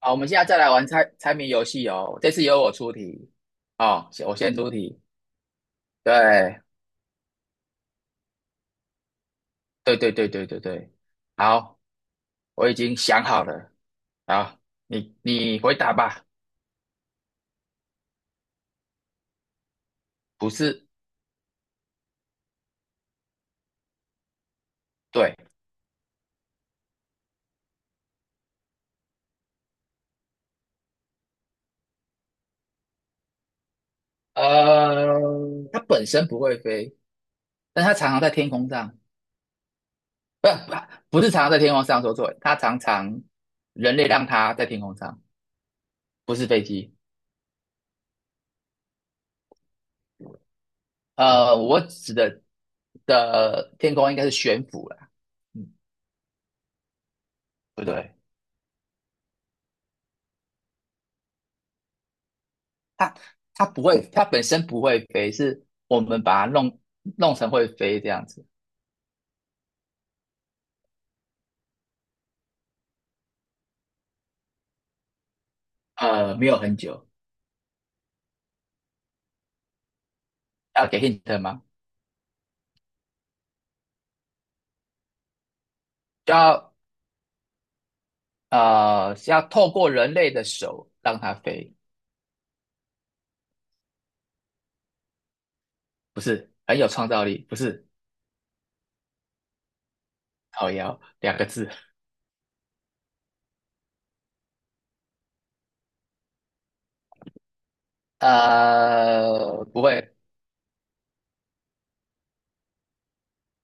好，我们现在再来玩猜猜谜游戏哦。这次由我出题，哦，我先出题。对，对对对对对对。好，我已经想好了。好，你回答吧。不是，对，呃，它本身不会飞，但它常常在天空上，不不是常常在天空上，说错了，它常常人类让它在天空上，不是飞机。我指的的天空应该是悬浮啦，嗯，不对。它它不会，它本身不会飞，是我们把它弄成会飞这样子。没有很久，要给 hint 吗？就要是要透过人类的手让它飞，不是很有创造力，不是靠腰两个字，不会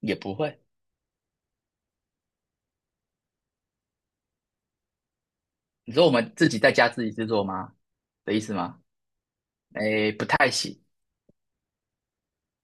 也不会。你说我们自己在家自己制作吗？的意思吗？诶，不太行，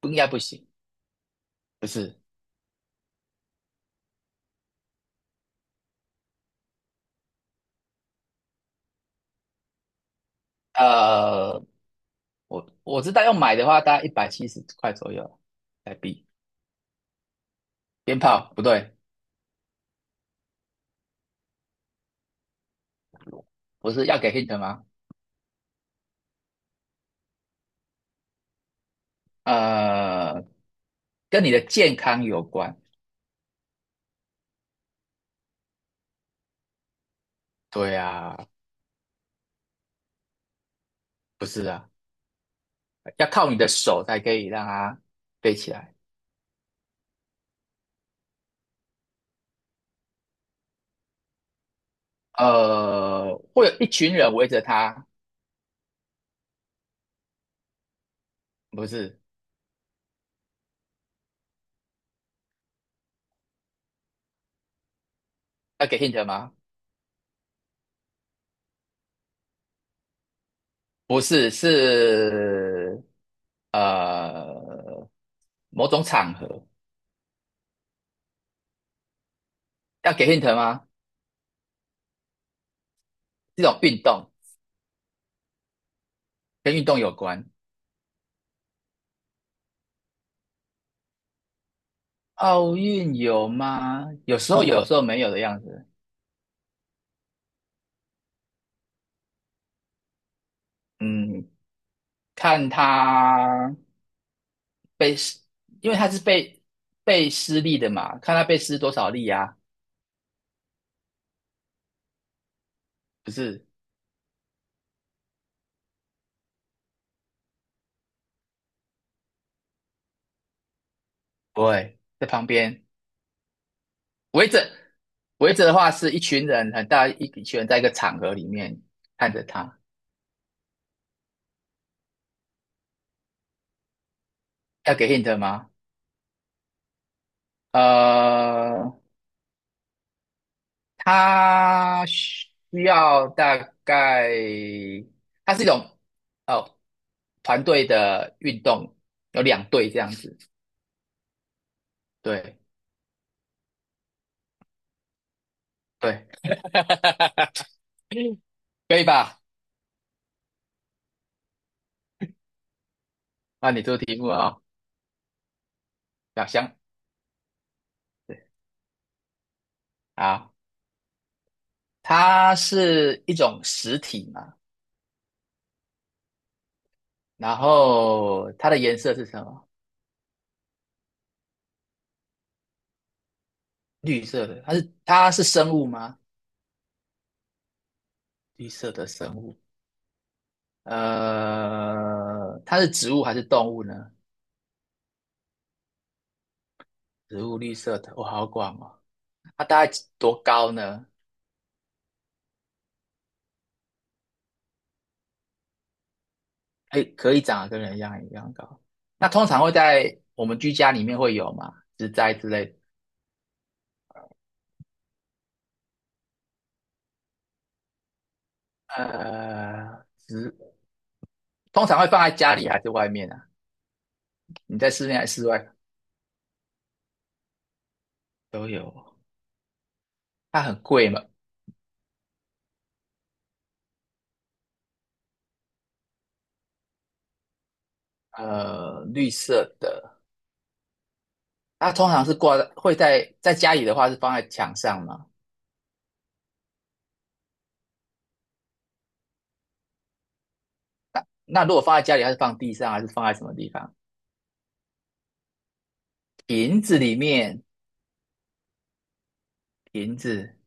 不应该不行，不是。呃，我知道要买的话，大概170块左右台币。鞭炮不对，不是要给 hint 吗？呃，跟你的健康有关。对啊，不是啊，要靠你的手才可以让它飞起来。会有一群人围着它，不是要给 hint 吗？不是，是呃某种场合要给 hint 吗？这种运动跟运动有关。奥运有吗？有时候有，有时候没有的样子。嗯，看他被施，因为他是被施力的嘛，看他被施多少力啊？不是，不会在旁边围着的话，是一群人很大一群人在一个场合里面看着他，要给 hint 吗？呃，他需要大概，它是一种哦团队的运动，有两队这样子，对对，可以吧？那你做题目啊、哦，小香啊，它是一种实体嘛，然后它的颜色是什么？绿色的，它是生物吗？绿色的生物，它是植物还是动物呢？植物绿色的，哇，好广哦。它大概多高呢？哎，可以长得跟人一样一样高。那通常会在我们居家里面会有嘛，植栽之类的。呃，植通常会放在家里还是外面啊？你在室内还是室外？都有。它很贵嘛，绿色的，它通常是挂在会在家里的话是放在墙上嘛，那如果放在家里，它是放地上还是放在什么地方？瓶子里面，瓶子，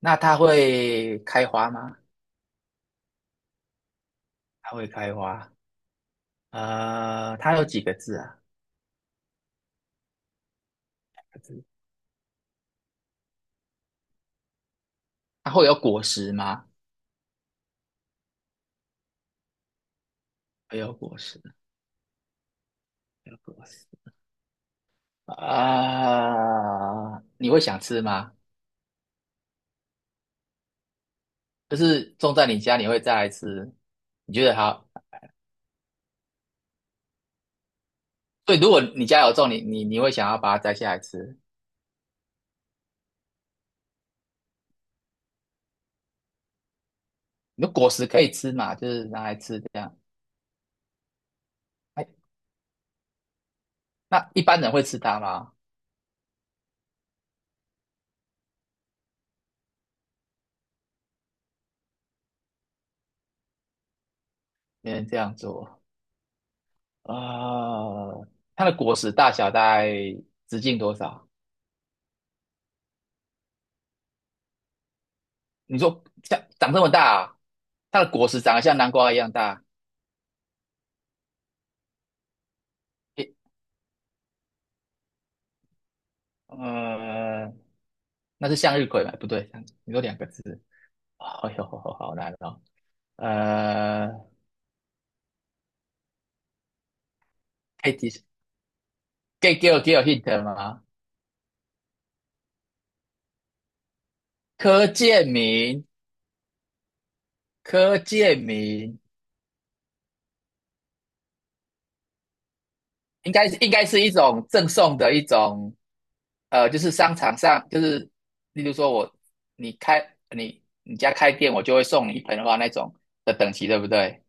那它会开花吗？它会开花，它有几个字啊？它会有果实吗？会有果实，会有果实。啊、你会想吃吗？就是种在你家，你会再来吃？你觉得好？对，如果你家有种，你会想要把它摘下来吃。你的果实可以吃嘛，就是拿来吃这样。哎，那一般人会吃它吗？没人这样做啊，它的果实大小大概直径多少？你说像长这么大啊它的果实长得像南瓜一样大。诶，呃，那是向日葵吗？不对，你说两个字。哎呦，好难哦。呃，可以提，示？可以给我 hint 吗？柯建明。柯建明应该是一种赠送的一种，就是商场上就是，例如说我你开你家开店，我就会送你一盆花那种的等级，对不对？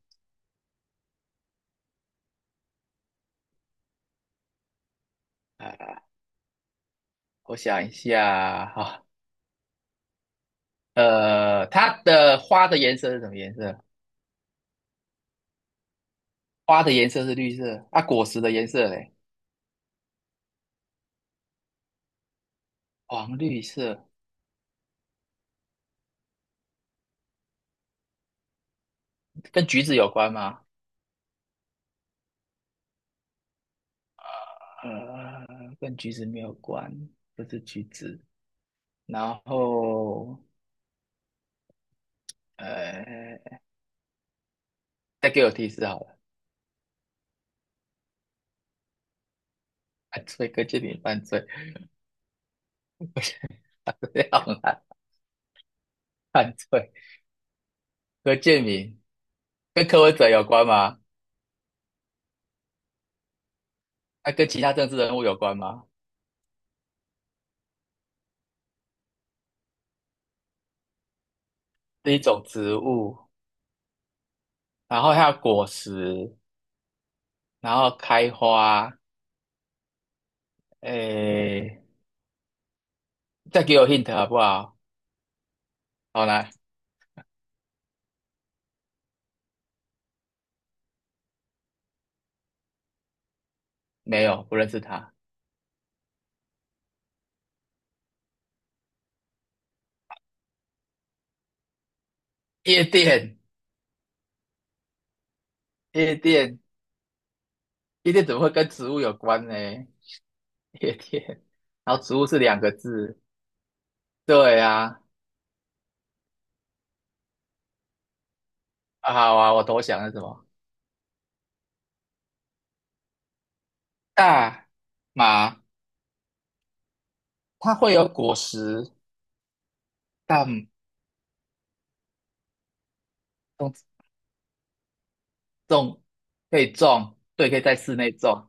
呃，我想一下哈、它的花的颜色是什么颜色？花的颜色是绿色，啊，果实的颜色嘞，黄绿色，跟橘子有关吗？呃，跟橘子没有关，不是橘子。然后，呃，再给我提示好了，犯罪，柯建民犯罪，我想这样啊犯罪，柯建民跟柯文哲有关吗？那、跟其他政治人物有关吗？是一种植物，然后它有果实，然后开花，诶，再给我 hint 好不好？好来，没有，不认识他，夜店，夜店，夜店怎么会跟植物有关呢？夜店，然后植物是两个字，对啊，啊好啊，我投降了什么？大麻它会有果实，但种种可以种，对，可以在室内种。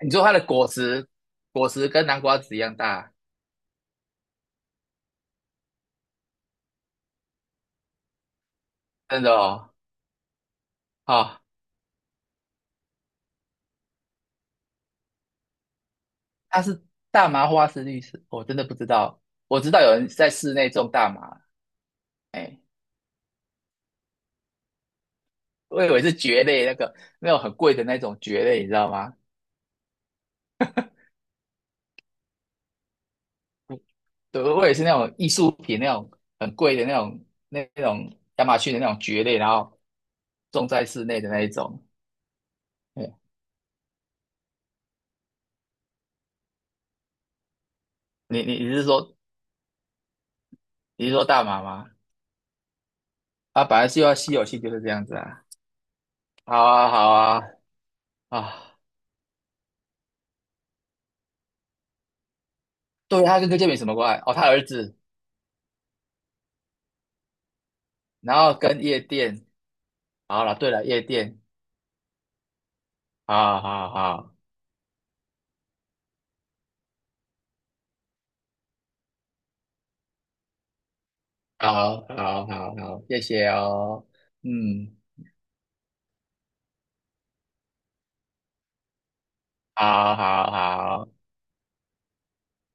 你说它的果实，果实跟南瓜子一样大，真的哦。好、它是大麻花是绿色，我真的不知道。我知道有人在室内种大麻，哎，我以为是蕨类那个那种很贵的那种蕨类，你知道吗？对，我也是那种艺术品那种很贵的那种那种亚马逊的那种蕨类，然后种在室内的那一种。你你你是说你是说大麻吗？啊，本来就要稀有性就是这样子啊。好啊，好啊，啊，对，他跟柯建铭什么关系？哦，他儿子，然后跟夜店。好了，对了，夜店。好好好，好好好好，谢谢哦。嗯，好好好。